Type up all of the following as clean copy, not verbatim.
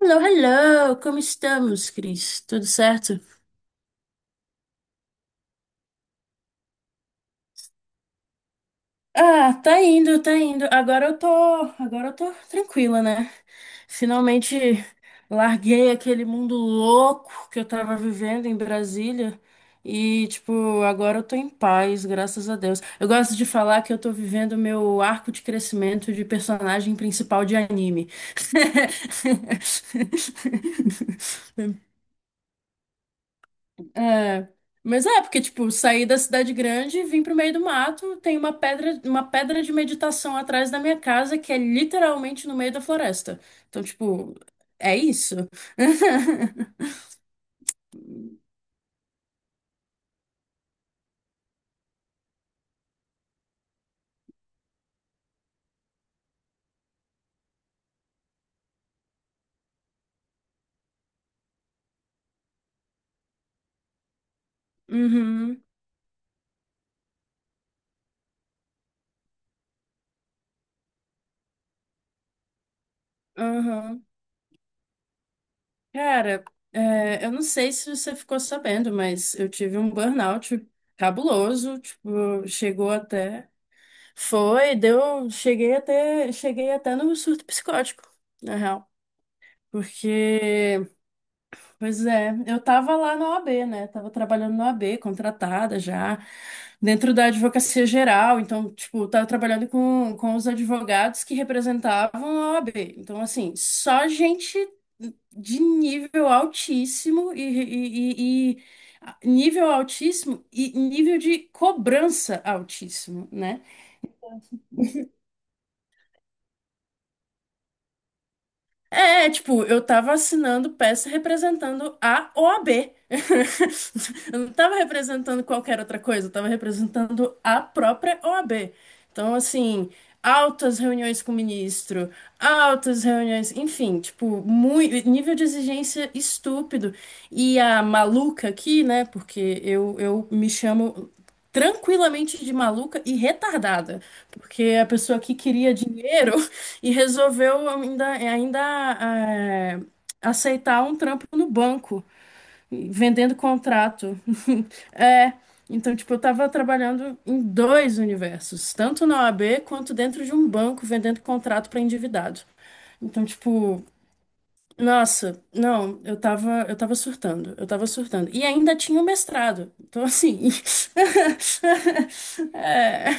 Hello, hello! Como estamos, Cris? Tudo certo? Ah, tá indo, tá indo. Agora eu tô tranquila, né? Finalmente larguei aquele mundo louco que eu tava vivendo em Brasília e, tipo, agora eu tô em paz, graças a Deus. Eu gosto de falar que eu tô vivendo meu arco de crescimento de personagem principal de anime. É, mas é, porque, tipo, saí da cidade grande, vim pro meio do mato, tem uma pedra de meditação atrás da minha casa, que é literalmente no meio da floresta. Então, tipo, é isso. Uhum, uhum. Cara, é, eu não sei se você ficou sabendo, mas eu tive um burnout cabuloso, tipo, chegou até. Foi, deu. Cheguei até no surto psicótico, na real. Porque Pois é, eu tava lá na OAB, né? Tava trabalhando na OAB, contratada já, dentro da advocacia geral. Então, tipo, tava trabalhando com os advogados que representavam a OAB. Então, assim, só gente de nível altíssimo e nível altíssimo e nível de cobrança altíssimo, né? É, tipo, eu tava assinando peça representando a OAB. Eu não tava representando qualquer outra coisa, eu tava representando a própria OAB. Então, assim, altas reuniões com o ministro, altas reuniões, enfim, tipo, muito, nível de exigência estúpido. E a maluca aqui, né, porque eu me chamo tranquilamente de maluca e retardada, porque a pessoa que queria dinheiro e resolveu ainda eh, aceitar um trampo no banco, vendendo contrato. É, então, tipo, eu tava trabalhando em dois universos, tanto na OAB quanto dentro de um banco, vendendo contrato para endividado. Então, tipo, nossa, não, eu tava surtando, eu tava surtando. E ainda tinha o mestrado. Então, assim, é,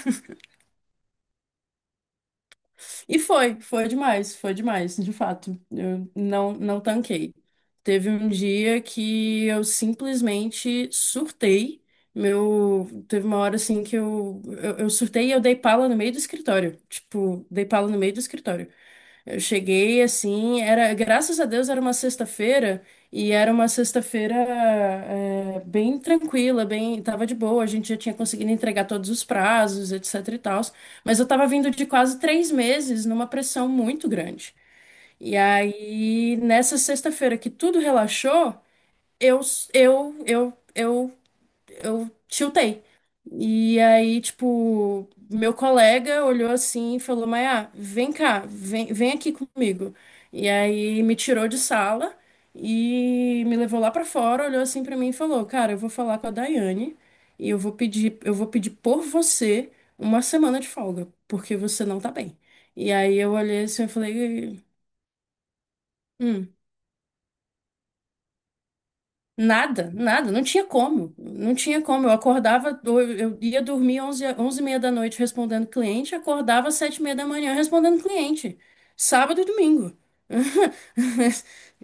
E foi, foi demais, de fato. Eu não, não tanquei. Teve um dia que eu simplesmente surtei. Meu, teve uma hora assim que eu surtei e eu dei pala no meio do escritório. Tipo, dei pala no meio do escritório. Eu cheguei assim, era, graças a Deus era uma sexta-feira e era uma sexta-feira é, bem tranquila, bem, tava de boa, a gente já tinha conseguido entregar todos os prazos, etc e tal, mas eu tava vindo de quase 3 meses numa pressão muito grande. E aí, nessa sexta-feira que tudo relaxou, eu, eu, eu, eu eu tiltei. E aí, tipo, meu colega olhou assim e falou: Maia, vem cá, vem, vem aqui comigo. E aí me tirou de sala e me levou lá pra fora, olhou assim pra mim e falou: Cara, eu vou falar com a Daiane e eu vou pedir por você uma semana de folga, porque você não tá bem. E aí eu olhei assim e falei. "Hum, Nada, nada, não tinha como. Eu acordava, eu ia dormir onze e meia da noite respondendo cliente, acordava às 7 e meia da manhã respondendo cliente. Sábado e domingo.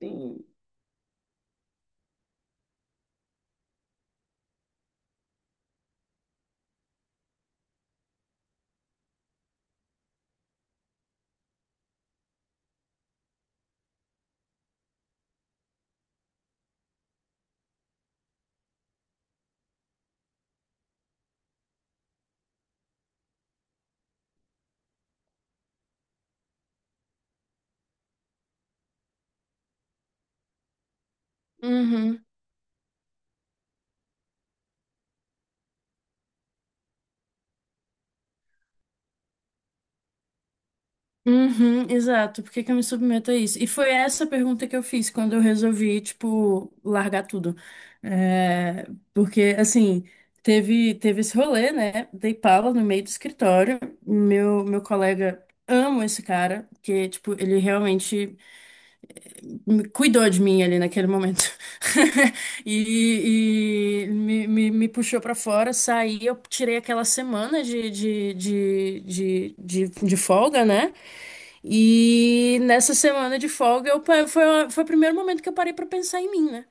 Sim. Uhum. Uhum, exato. Por que que eu me submeto a isso? E foi essa pergunta que eu fiz quando eu resolvi, tipo, largar tudo. É, porque, assim, teve esse rolê, né? Dei pala no meio do escritório. Meu colega, amo esse cara, porque, tipo, ele realmente me cuidou de mim ali naquele momento. E me puxou pra fora, saí. Eu tirei aquela semana de folga, né? E nessa semana de folga, eu, pa- foi, a- foi o primeiro momento que eu parei pra pensar em mim, né?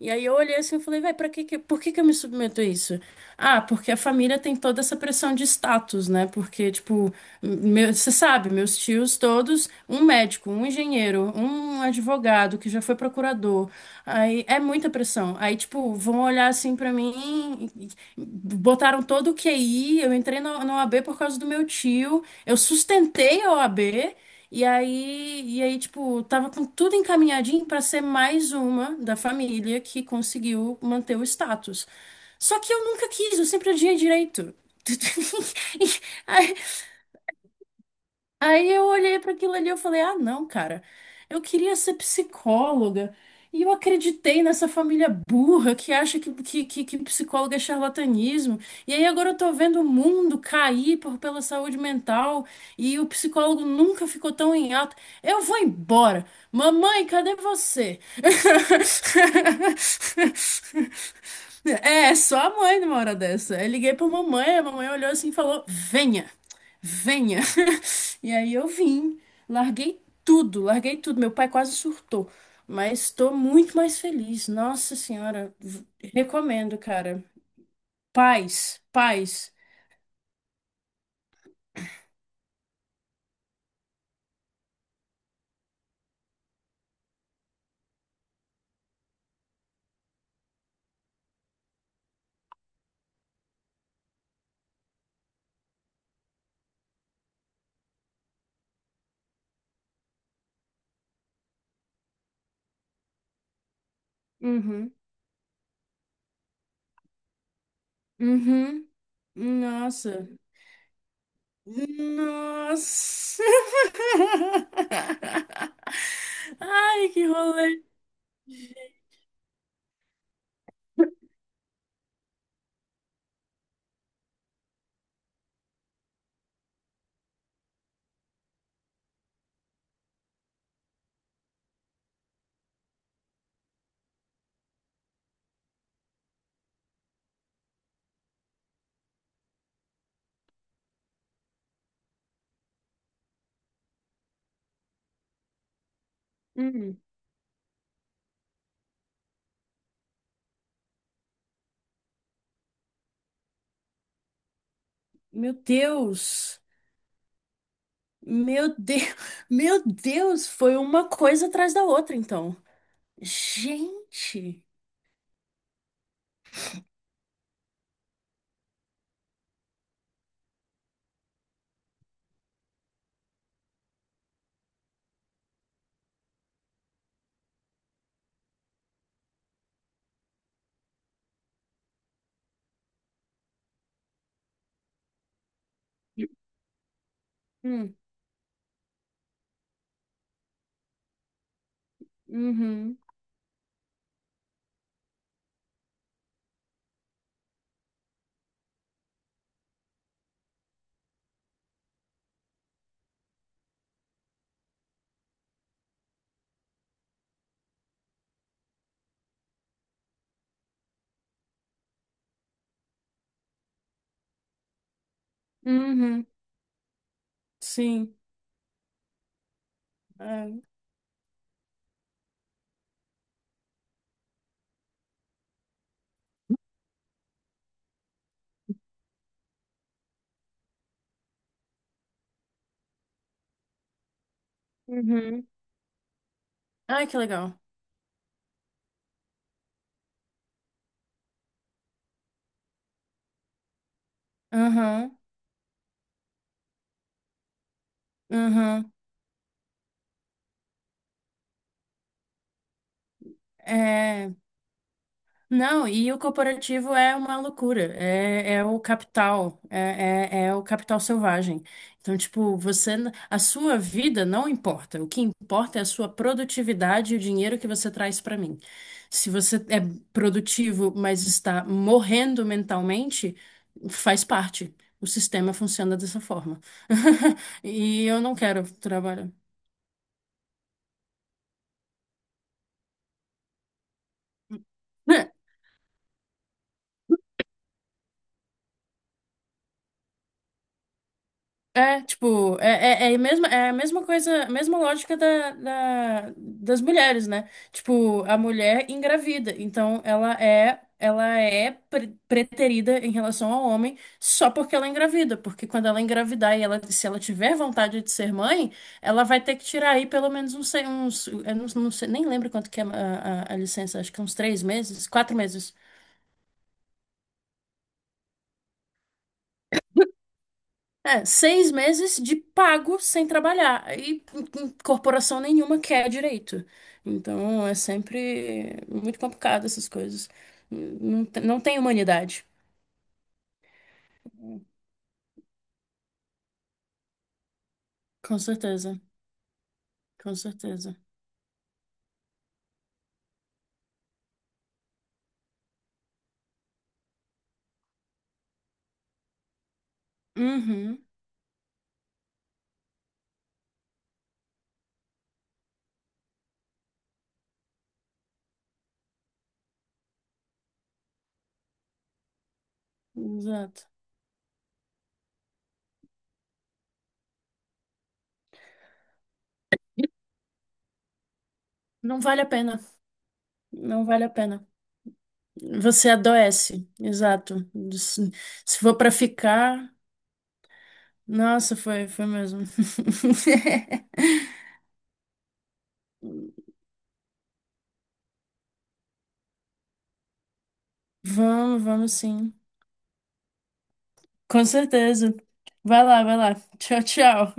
E aí eu olhei assim e falei, vai, para que, que- por que que eu me submeto a isso? Ah, porque a família tem toda essa pressão de status, né? Porque, tipo, meu- você sabe, meus tios todos, um médico, um engenheiro, um advogado que já foi procurador. Aí é muita pressão. Aí, tipo, vão olhar assim pra mim, e- botaram todo o QI, eu entrei na OAB por causa do meu tio, eu sustentei a OAB e aí, tipo, tava com tudo encaminhadinho pra ser mais uma da família que conseguiu manter o status. Só que eu nunca quis, eu sempre adiei direito. Aí Aí eu olhei para aquilo ali e eu falei: "Ah, não, cara. Eu queria ser psicóloga". E eu acreditei nessa família burra que acha que psicólogo é charlatanismo. E aí agora eu tô vendo o mundo cair por, pela saúde mental e o psicólogo nunca ficou tão em alta. Eu vou embora. Mamãe, cadê você? É, só a mãe numa hora dessa. Eu liguei pra mamãe, a mamãe olhou assim e falou: Venha, venha. E aí eu vim, larguei tudo, larguei tudo. Meu pai quase surtou, mas estou muito mais feliz. Nossa Senhora, v- recomendo, cara. Paz, paz. Uhum, uhum. Nossa, nossa. Ai, que rolê. Hum, meu Deus, meu Deus, meu Deus, foi uma coisa atrás da outra, então. Gente. Uhum. Uhum. Sim. É. Uhum. Ai, que legal. Uhum. Uhum. É. Não, e o corporativo é uma loucura, é, é o capital, é o capital selvagem. Então, tipo, você, n- a sua vida não importa, o que importa é a sua produtividade e o dinheiro que você traz para mim. Se você é produtivo, mas está morrendo mentalmente, faz parte. O sistema funciona dessa forma. E eu não quero trabalhar. É, tipo, a mesma, é a mesma coisa, a mesma lógica da, da- das mulheres, né? Tipo, a mulher engravida, então ela é pre- preterida em relação ao homem só porque ela é engravida, porque quando ela engravidar e ela, se ela tiver vontade de ser mãe, ela vai ter que tirar aí pelo menos uns, sei- uns eu não, não sei, nem lembro quanto que é a licença, acho que uns 3 meses, 4 meses. É, 6 meses de pago sem trabalhar. E corporação nenhuma quer direito. Então é sempre muito complicado essas coisas. Não, te- não tem humanidade. Com certeza, com certeza. Uhum, exato. Não vale a pena. Não vale a pena. Você adoece, exato. Se, se for pra ficar, nossa, foi, foi mesmo. Vamos, vamos sim. Com certeza. Vai lá, vai lá. Tchau, tchau.